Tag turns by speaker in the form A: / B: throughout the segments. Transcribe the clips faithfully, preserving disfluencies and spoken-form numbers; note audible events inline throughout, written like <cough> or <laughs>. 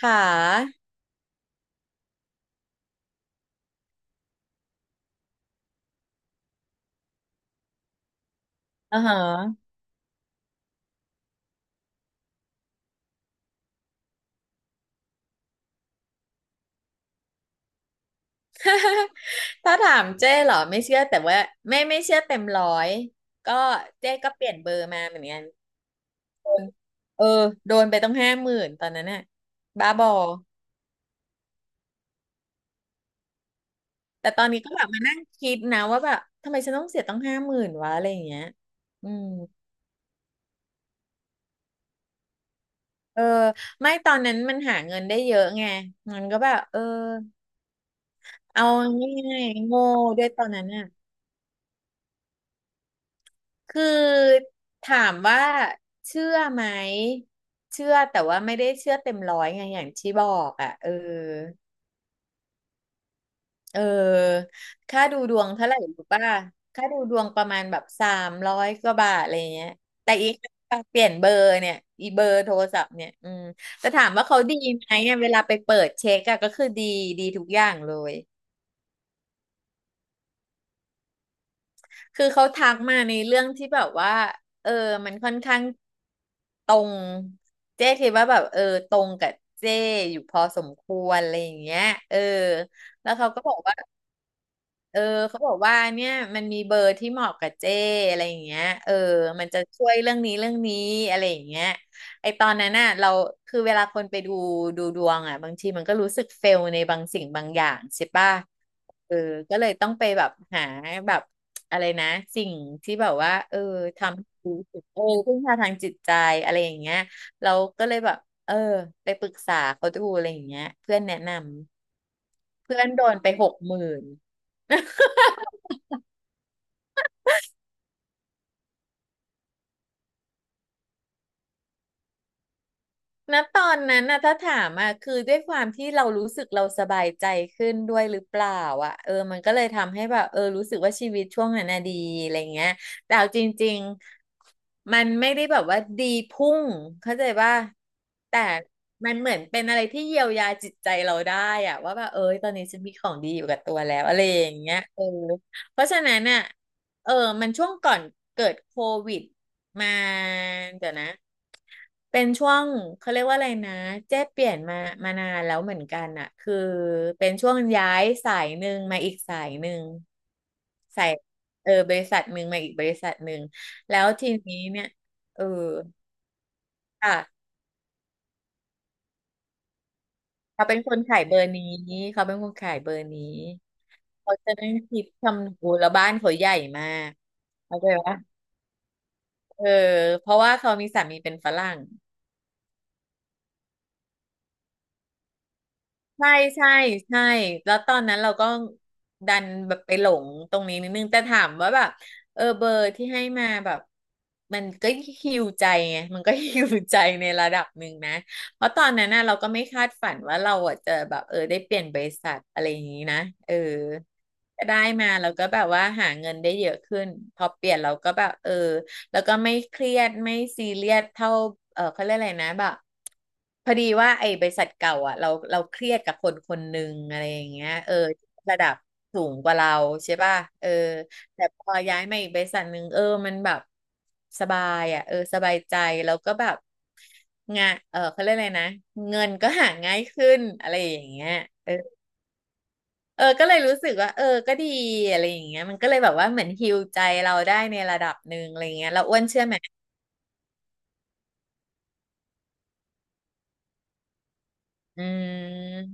A: ค่ะอ่าฮะ <laughs> ถ้าถามเจ้เหรอไม่เชื่อแต่ว่าไม่ไม่เชื่อเต็มร้อยก็เจ้ก็เปลี่ยนเบอร์มาเหมือนกันเออโดนไปต้องห้าหมื่นตอนนั้นน่ะบ้าบอแต่ตอนนี้ก็แบบมานั่งคิดนะว่าแบบทำไมฉันต้องเสียต้องห้าหมื่นวะอะไรอย่างเงี้ยอืมเออไม่ตอนนั้นมันหาเงินได้เยอะไงมันก็แบบเออเอาง่ายๆโง่ด้วยตอนนั้นน่ะ คือถามว่าเชื่อไหมเชื่อแต่ว่าไม่ได้เชื่อเต็มร้อยไงอย่างที่บอกอ่ะเออเออค่าดูดวงเท่าไหร่รู้ป่ะค่าดูดวงประมาณแบบสามร้อยกว่าบาทอะไรเงี้ยแต่อีกเปลี่ยนเบอร์เนี่ยอีเบอร์โทรศัพท์เนี่ยอืมแต่ถามว่าเขาดีไหมเนี่ยเวลาไปเปิดเช็คอะก็คือดีดีทุกอย่างเลย คือเขาทักมาในเรื่องที่แบบว่า เออ มันค่อนข้างตรง เจ๊คิดว่าแบบเออตรงกับเจ๊อยู่พอสมควรอะไรอย่างเงี้ย เออ แล้วเขาก็บอกว่า เออเขาบอกว่าเนี่ยมันมีเบอร์ที่เหมาะกับเจ้อะไรอย่างเงี้ยเออมันจะช่วยเรื่องนี้เรื่องนี้อะไรอย่างเงี้ยไอตอนนั้นน่ะเราคือเวลาคนไปดูดูดวงอ่ะบางทีมันก็รู้สึกเฟลในบางสิ่งบางอย่างใช่ป่ะเออก็เลยต้องไปแบบหาแบบอะไรนะสิ่งที่แบบว่าเออทำให้รู้สึกเออพึ่งพาทางจิตใจอะไรอย่างเงี้ยเราก็เลยแบบเออไปปรึกษาเขาดูอะไรอย่างเงี้ยเพื่อนแนะนำเพื่อนโดนไปหกหมื่น ณตอนนั้นนะถ้าถามอ่ะคือด้วยความที่เรารู้สึกเราสบายใจขึ้นด้วยหรือเปล่าอ่ะเออมันก็เลยทำให้แบบเออรู้สึกว่าชีวิตช่วงนั้นน่ะดีอะไรเงี้ยแต่เอาจริงๆมันไม่ได้แบบว่าดีพุ่งเข้าใจว่าแต่มันเหมือนเป็นอะไรที่เยียวยาจิตใจเราได้อ่ะว่าแบบเออตอนนี้ฉันมีของดีอยู่กับตัวแล้วอะไรอย่างเงี้ยเออเพราะฉะนั้นน่ะเออมันช่วงก่อนเกิดโควิดมาเดี๋ยวนะ เป็นช่วงเขาเรียกว่าอะไรนะเจ๊เปลี่ยนมามานานแล้วเหมือนกันอะคือเป็นช่วงย้ายสายหนึ่งมาอีกสายหนึ่งสายเออบริษัทหนึ่งมาอีกบริษัทหนึ่งแล้วทีนี้เนี่ยเออค่ะเขาเป็นคนขายเบอร์นี้เขาเป็นคนขายเบอร์นี้เขาจะนั่งคิดคำนูแล้วบ้านเขาใหญ่มากเข้าใจปะเออเพราะว่าเขามีสามีเป็นฝรั่ง ใช่ใช่ใช่แล้วตอนนั้นเราก็ดันแบบไปหลงตรงนี้นิดนึงแต่ถามว่าแบบเออเบอร์ที่ให้มาแบบมันก็ฮิวใจไงมันก็ฮิวใจในระดับหนึ่งนะเพราะตอนนั้นน่ะเราก็ไม่คาดฝันว่าเราอ่ะจะแบบเออได้เปลี่ยนบริษัทอะไรอย่างนี้นะเออก็ได้มาเราก็แบบว่าหาเงินได้เยอะขึ้นพอเปลี่ยนเราก็แบบเออ แล้วก็ไม่เครียดไม่ซีเรียสเท่าเออเขาเรียกอะไรนะแบบพอดีว่าไอ้บริษัทเก่าอ่ะเราเราเครียดกับคนคนหนึ่งอะไรอย่างเงี้ยเออระดับสูงกว่าเราใช่ป่ะเออแต่พอย้ายมาอีกบริษัทหนึ่งเออมันแบบสบายอ่ะเออสบายใจแล้วก็แบบงานเออเขาเรียกอะไรนะเงินก็หาง่ายขึ้นอะไรอย่างเงี้ยเออเออก็เลยรู้สึกว่าเออก็ดีอะไรอย่างเงี้ยมันก็เลยแบบว่าเหมือนฮีลใจเราได้ในระดับหนึ่งอะไรเงี้ยเราอ้วนเชื่อไหม อืม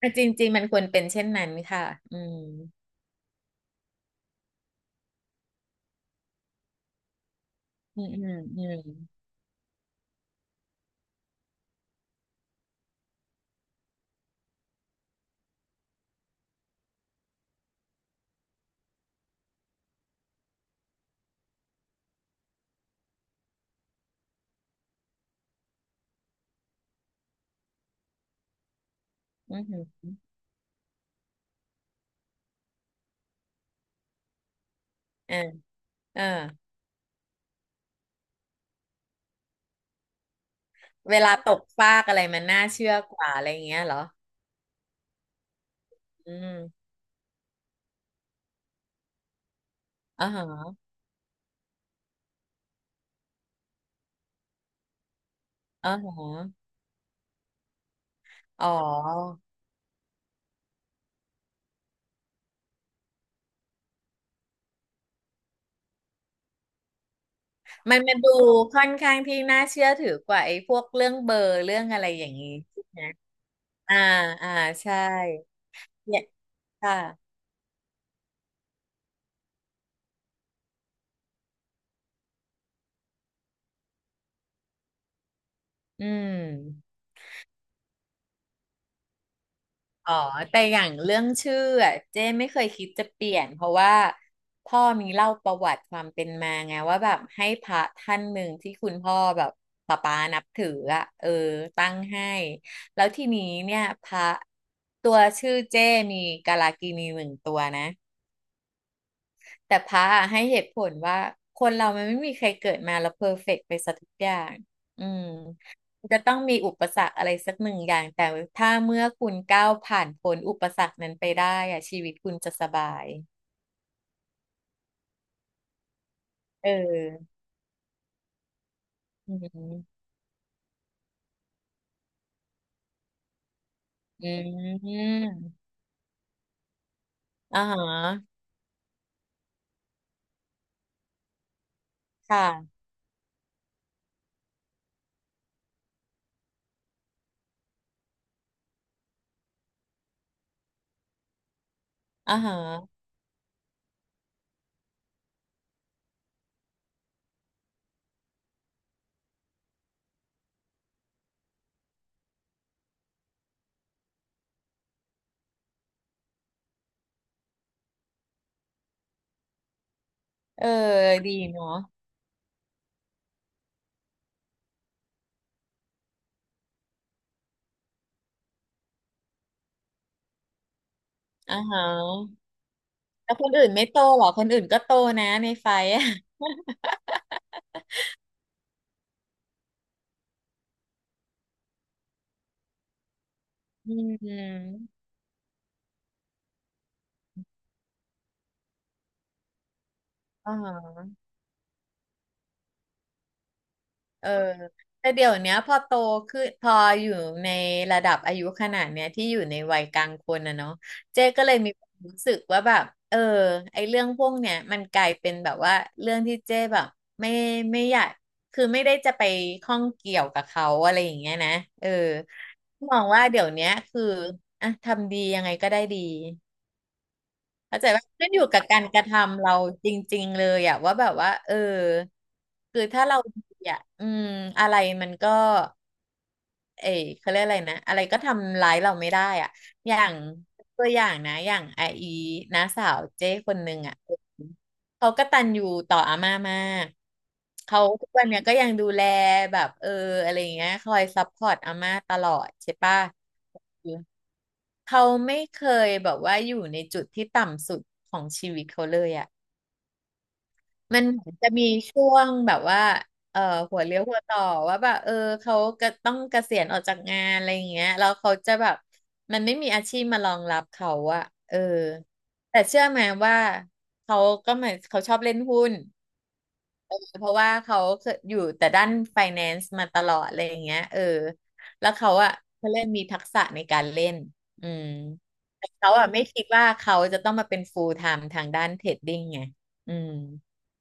A: อ่ะจริงๆมันควรเป็นเช่นนั้นค่ะอืมอืมอืมอืมอืมอ่าอ่าเวลาตกฟากอะไรมันน่าเชื่อกว่าอะไรอย่างเงี้ยเหรออืมอ๋อฮะอ๋อฮะอ๋อมันมาดูค่อนข้างที่น่าเชื่อถือกว่าไอ้พวกเรื่องเบอร์เรื่องอะไรอย่างงี้ใช่ไหมอ่าอ่าใช่เนี่ยค่ะอืม อ๋อแต่อย่างเรื่องชื่ออะเจ้ไม่เคยคิดจะเปลี่ยนเพราะว่าพ่อมีเล่าประวัติความเป็นมาไงว่าแบบให้พระท่านหนึ่งที่คุณพ่อแบบป๊าป๊านับถืออะเออตั้งให้แล้วทีนี้เนี่ยพระตัวชื่อเจ้มีกาลากินีหนึ่งตัวนะ แต่พระอะให้เหตุผลว่าคนเรามันไม่มีใครเกิดมาแล้วเพอร์เฟกต์ไปซะทุกอย่างอืมมันจะต้องมีอุปสรรคอะไรสักหนึ่งอย่างแต่ถ้าเมื่อคุณก้าวผ่านพ้นอุปสรรคนั้นไปได้อะชีวิตคุณจะสบายเอออืมอืมอ่าฮะค่ะอ่าฮะเออดีเนาะอ่าฮะแล้วคนอื่นไม่โตเหรอคนอื่นก็โตนะในไฟอะ <laughs> อืมอ่า เออแต่เดี๋ยวเนี้ยพอโตขึ้นพออยู่ในระดับอายุขนาดเนี้ยที่อยู่ในวัยกลางคนนะเนาะเจ๊ก็เลยมีความรู้สึกว่าแบบเออไอเรื่องพวกเนี้ยมันกลายเป็นแบบว่าเรื่องที่เจ๊แบบไม่ไม่อยากคือไม่ได้จะไปข้องเกี่ยวกับเขาอะไรอย่างเงี้ยนะเออมองว่าเดี๋ยวเนี้ยคืออ่ะทำดียังไงก็ได้ดี เข้าใจว่าขึ้นอยู่กับการกระทำเราจริงๆเลยอะว่าแบบว่าเออคือถ้าเราดีอะอืมอะไรมันก็เอยเขาเรียกอะไรนะอะไรก็ทำร้ายเราไม่ได้อ่ะอย่างตัวอย่างนะอย่างไออีน้าสาวเจ้คนหนึ่งอ่ะเขากตัญญูต่ออาม่ามากเขาทุกวันเนี้ยก็ยังดูแลแบบเอออะไรอย่างเงี้ยคอยซัพพอร์ตอาม่าตลอดใช่ปะ เขาไม่เคยแบบว่าอยู่ในจุดที่ต่ำสุดของชีวิตเขาเลยอ่ะมันเหมือนจะมีช่วงแบบว่าเอ่อหัวเลี้ยวหัวต่อว่าแบบเออเขาก็ต้องเกษียณออกจากงานอะไรอย่างเงี้ยแล้วเขาจะแบบมันไม่มีอาชีพมารองรับเขาอะเออแต่เชื่อไหมว่าเขาก็เหมือนเขาชอบเล่นหุ้น เพราะว่าเขาเคยอยู่แต่ด้านไฟแนนซ์มาตลอดอะไรอย่างเงี้ยเออแล้วเขาอะเขาเล่นมีทักษะในการเล่นอืมแต่เขาอะไม่คิดว่าเขาจะต้องมาเป็นฟูลไทม์ทางด้านเทรดดิ้งไงอืม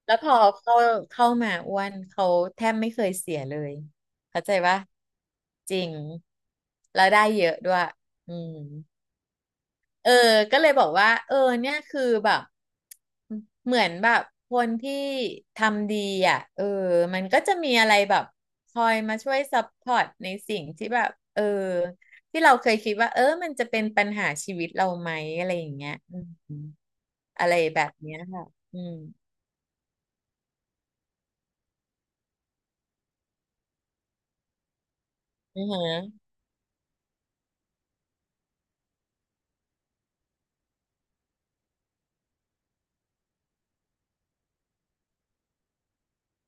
A: แล้วพอเข้าเข้ามาอ้วนเขาแทบไม่เคยเสียเลยเข้าใจปะจริงแล้วได้เยอะด้วยอืม เออ ก็เลยบอกว่า เออเนี่ยคือแบบ เหมือนแบบคนที่ทำดีอ่ะ เออ มันก็จะมีอะไรแบบคอยมาช่วยซัพพอร์ตในสิ่งที่แบบ เออ ที่เราเคยคิดว่า เออ มันจะเป็นปัญหาชีวิตเราไหม อะไรอย่างเงี้ยอืมอะไรแบบเนี้ยค่ะอืมอือฮะ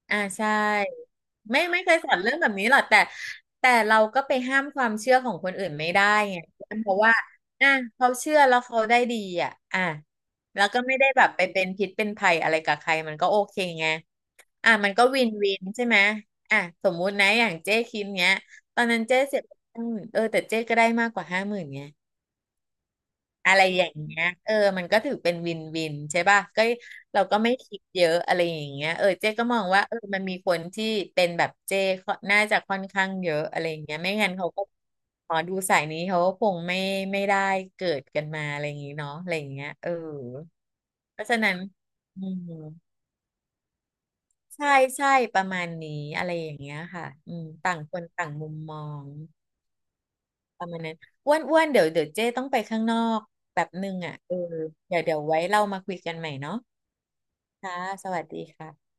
A: อ่าใช่ไม่ไม่เคยสอนเรื่องแบบนี้หรอกแต่แต่เราก็ไปห้ามความเชื่อของคนอื่นไม่ได้ไงเพราะว่าอ่ะเขาเชื่อแล้วเขาได้ดีอ่ะอ่ะแล้วก็ไม่ได้แบบไปเป็นพิษเป็นภัยอะไรกับใครมันก็โอเคไงอ่ะมันก็วินวินใช่ไหมอ่ะสมมุตินะอย่างเจ๊คิมเนี้ยตอนนั้นเจ๊เสียไปห้าหมื่นเออแต่เจ๊ก็ได้มากกว่าห้าหมื่นไง อะไรอย่างเงี้ยเออมันก็ถือเป็นวินวินใช่ป่ะก็เราก็ไม่คิดเยอะอะไรอย่างเงี้ยเออเจ๊ก็มองว่าเออมันมีคนที่เป็นแบบเจ๊ค่อนน่าจะค่อนข้างเยอะอะไรอย่างเงี้ยไม่งั้นเขาก็หมอดูสายนี้เขาก็คงไม่ไม่ได้เกิดกันมาอะไรอย่างงี้เนาะอะไรอย่างเงี้ยเออเพราะฉะนั้นอืมใช่ใช่ประมาณนี้อะไรอย่างเงี้ยค่ะอืมต่างคนต่างมุมมอง ประมาณนั้นอ้วนอ้วนเดี๋ยวเดี๋ยวเจ้ต้องไปข้างนอกแบบนึงอ่ะเออเดี๋ยวเดี๋ยวไว้เรามาคุยกันใหม่เนาะค่ะสวัสดีค่ะ